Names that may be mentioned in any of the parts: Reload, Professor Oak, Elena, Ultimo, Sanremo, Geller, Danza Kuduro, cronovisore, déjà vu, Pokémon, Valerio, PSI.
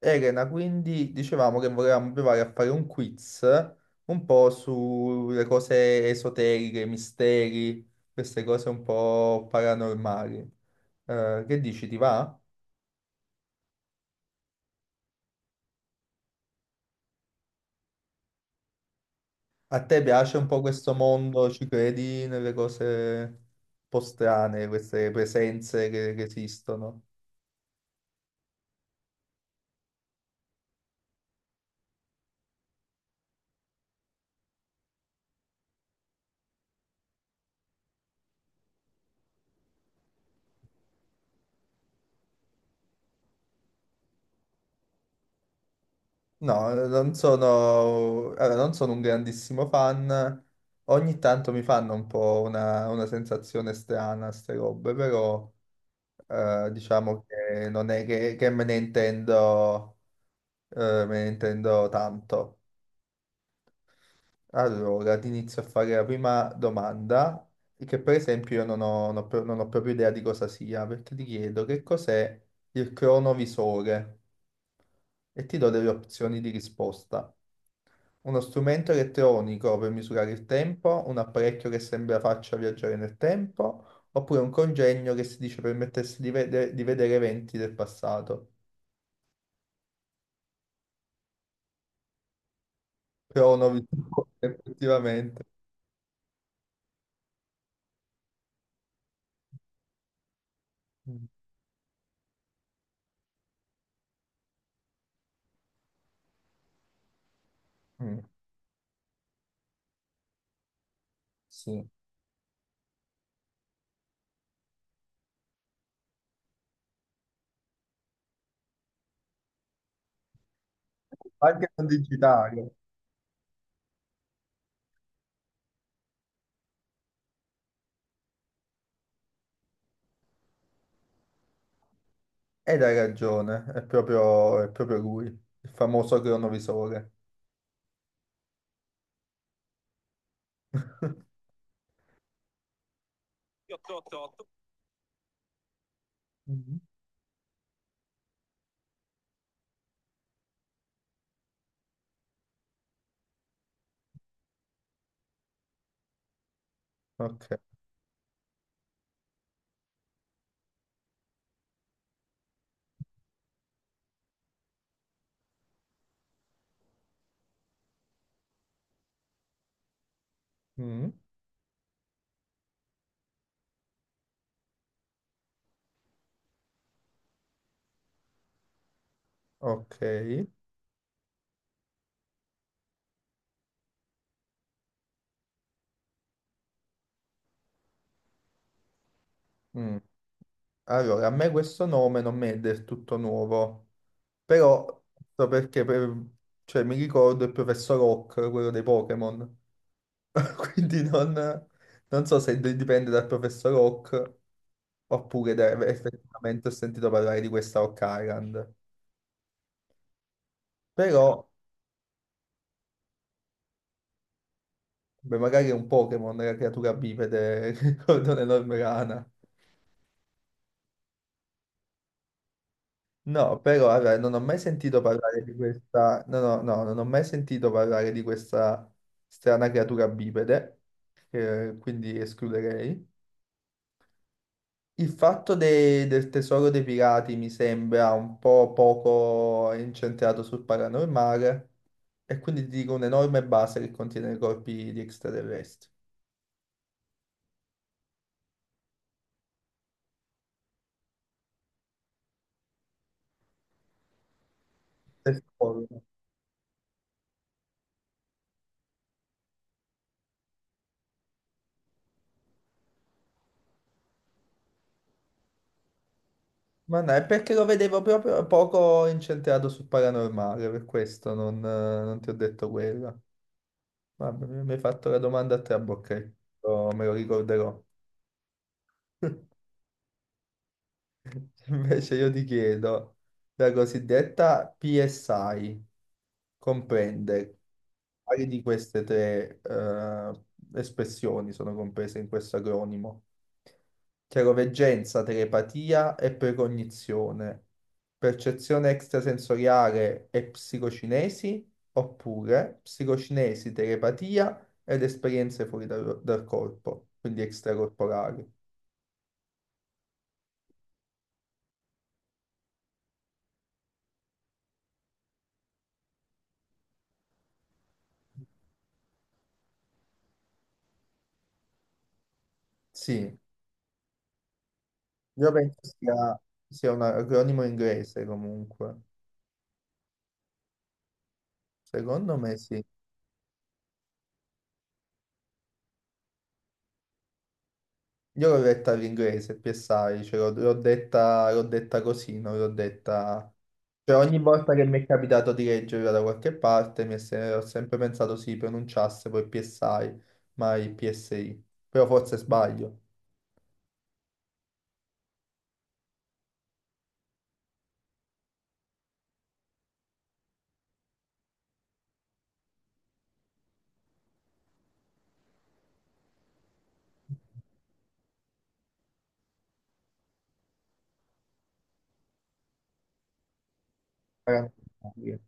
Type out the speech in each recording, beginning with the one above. Elena, quindi dicevamo che volevamo provare a fare un quiz un po' sulle cose esoteriche, misteri, queste cose un po' paranormali. Che dici, ti va? A te piace un po' questo mondo? Ci credi nelle cose un po' strane, queste presenze che esistono? No, non sono, allora, non sono un grandissimo fan. Ogni tanto mi fanno un po' una sensazione strana, queste robe, però... Diciamo che non è che me ne intendo tanto. Allora, ti inizio a fare la prima domanda, che per esempio io non ho non ho proprio idea di cosa sia, perché ti chiedo che cos'è il cronovisore e ti do delle opzioni di risposta. Uno strumento elettronico per misurare il tempo, un apparecchio che sembra faccia viaggiare nel tempo, oppure un congegno che si dice permettesse di di vedere eventi del passato. Però ho novità, effettivamente. Mm, mm, sì. Anche non digitale. Ed hai ragione, è proprio lui, il famoso cronovisore. Mhm. Ok. Mm, ok. Mm. Allora, a me questo nome non mi è del tutto nuovo, però so perché per- cioè, mi ricordo il professor Oak, quello dei Pokémon. Quindi non, non so se dipende dal professor Oak. Oppure effettivamente ho sentito parlare di questa Occurrent. Però, beh, magari è un Pokémon, è la creatura bipede con un'enorme rana. No, però allora, non ho mai sentito parlare di questa. No, no, no, non ho mai sentito parlare di questa strana creatura bipede, quindi escluderei. Il fatto del tesoro dei pirati mi sembra un po' poco incentrato sul paranormale, e quindi ti dico un'enorme base che contiene i corpi di extraterrestri. Tesoro. Ma no, è perché lo vedevo proprio poco incentrato sul paranormale, per questo non, non ti ho detto quella. Vabbè, mi hai fatto la domanda a trabocchi, oh, me lo ricorderò. Invece io ti chiedo, la cosiddetta PSI comprende paio di queste tre espressioni sono comprese in questo acronimo. Chiaroveggenza, telepatia e precognizione. Percezione extrasensoriale e psicocinesi, oppure psicocinesi, telepatia ed esperienze fuori dal corpo, quindi extracorporali. Sì, io penso sia un acronimo inglese comunque. Secondo me sì. Io l'ho detta all'inglese, PSI, cioè l'ho detta, l'ho detta così, non l'ho detta... Cioè ogni volta che mi è capitato di leggerla da qualche parte mi è ho sempre pensato si pronunciasse poi PSI, mai PSI. Però forse sbaglio. Era normale.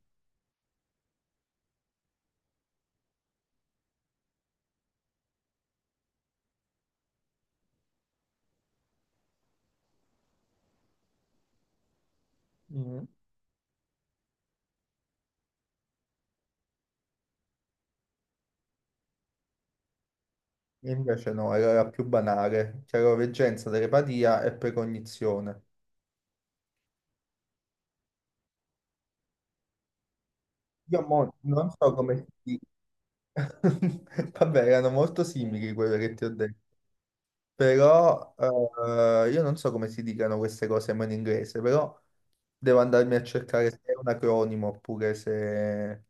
Mm. Invece no, era la più banale. Chiaroveggenza, telepatia e precognizione. Io mo non so come si... Vabbè, erano molto simili quelle che ti ho detto. Però io non so come si dicano queste cose ma in inglese, però devo andarmi a cercare se è un acronimo oppure se,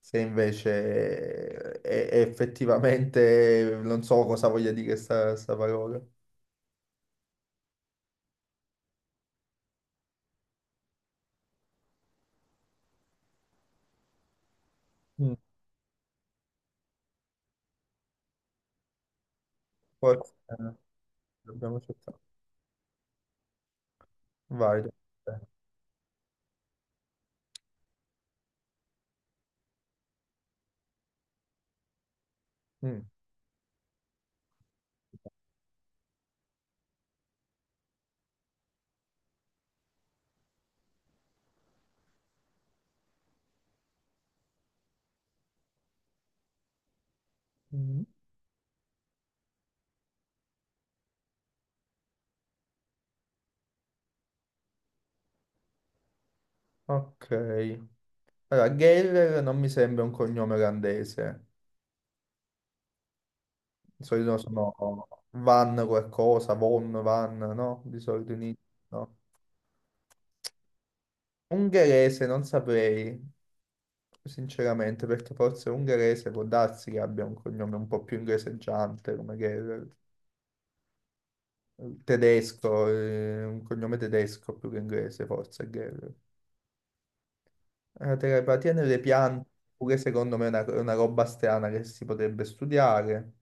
se invece è effettivamente non so cosa voglia dire sta parola. Mm. Forse dobbiamo cercare. Vai. Te. Mm. Mm. Ok. Allora, Geller non mi sembra un cognome olandese. Di solito sono Van qualcosa, Von, Van, no? Di solito in, no? Ungherese non saprei, sinceramente, perché forse ungherese può darsi che abbia un cognome un po' più ingreseggiante, come Gerrer. Tedesco, un cognome tedesco più che inglese, forse Gerrer. La telepatia nelle piante, pure secondo me è è una roba strana che si potrebbe studiare.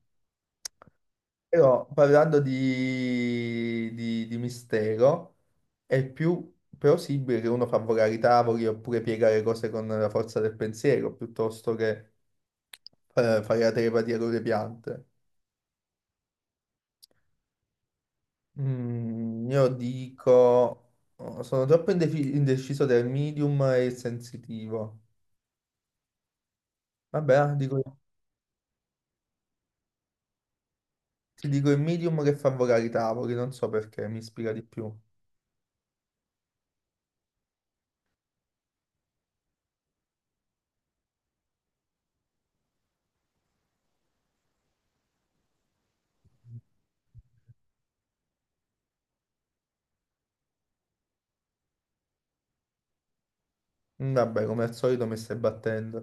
Però parlando di mistero, è più plausibile che uno fa volare i tavoli oppure piegare cose con la forza del pensiero, piuttosto che fai la telepatia con le piante. Mm, io dico, oh, sono troppo indeciso tra il medium e il sensitivo. Vabbè, ti dico il medium che fa volare i tavoli, non so perché, mi ispira di più. Mm, vabbè, come al solito mi stai battendo.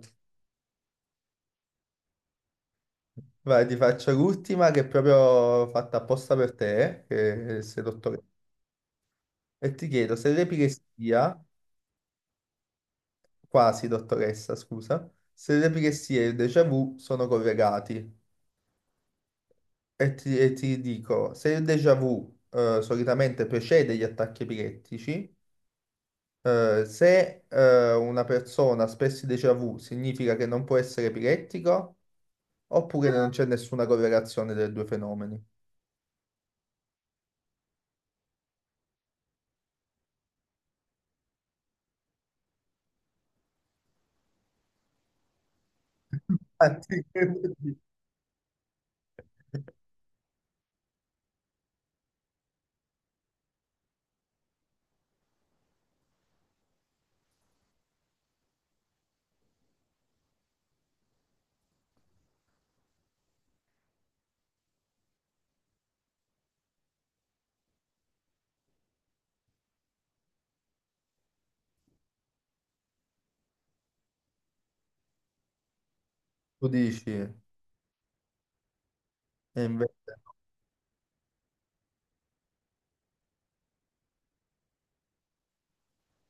Vai, ti faccio l'ultima che è proprio fatta apposta per te, che sei dottoressa. E ti chiedo se l'epilessia, quasi dottoressa, scusa, se l'epilessia e il déjà vu sono collegati. E ti dico, se il déjà vu solitamente precede gli attacchi epilettici, se una persona ha espresso il déjà vu significa che non può essere epilettico, oppure non c'è nessuna correlazione dei due fenomeni. Infatti. Tu dici, e inve-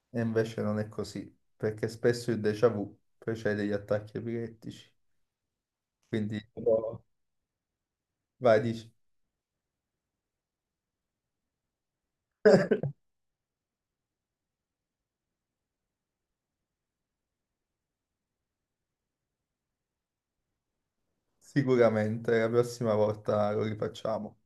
e invece non è così, perché spesso il déjà vu precede gli attacchi epilettici. Quindi, vai, dici, sicuramente la prossima volta lo rifacciamo.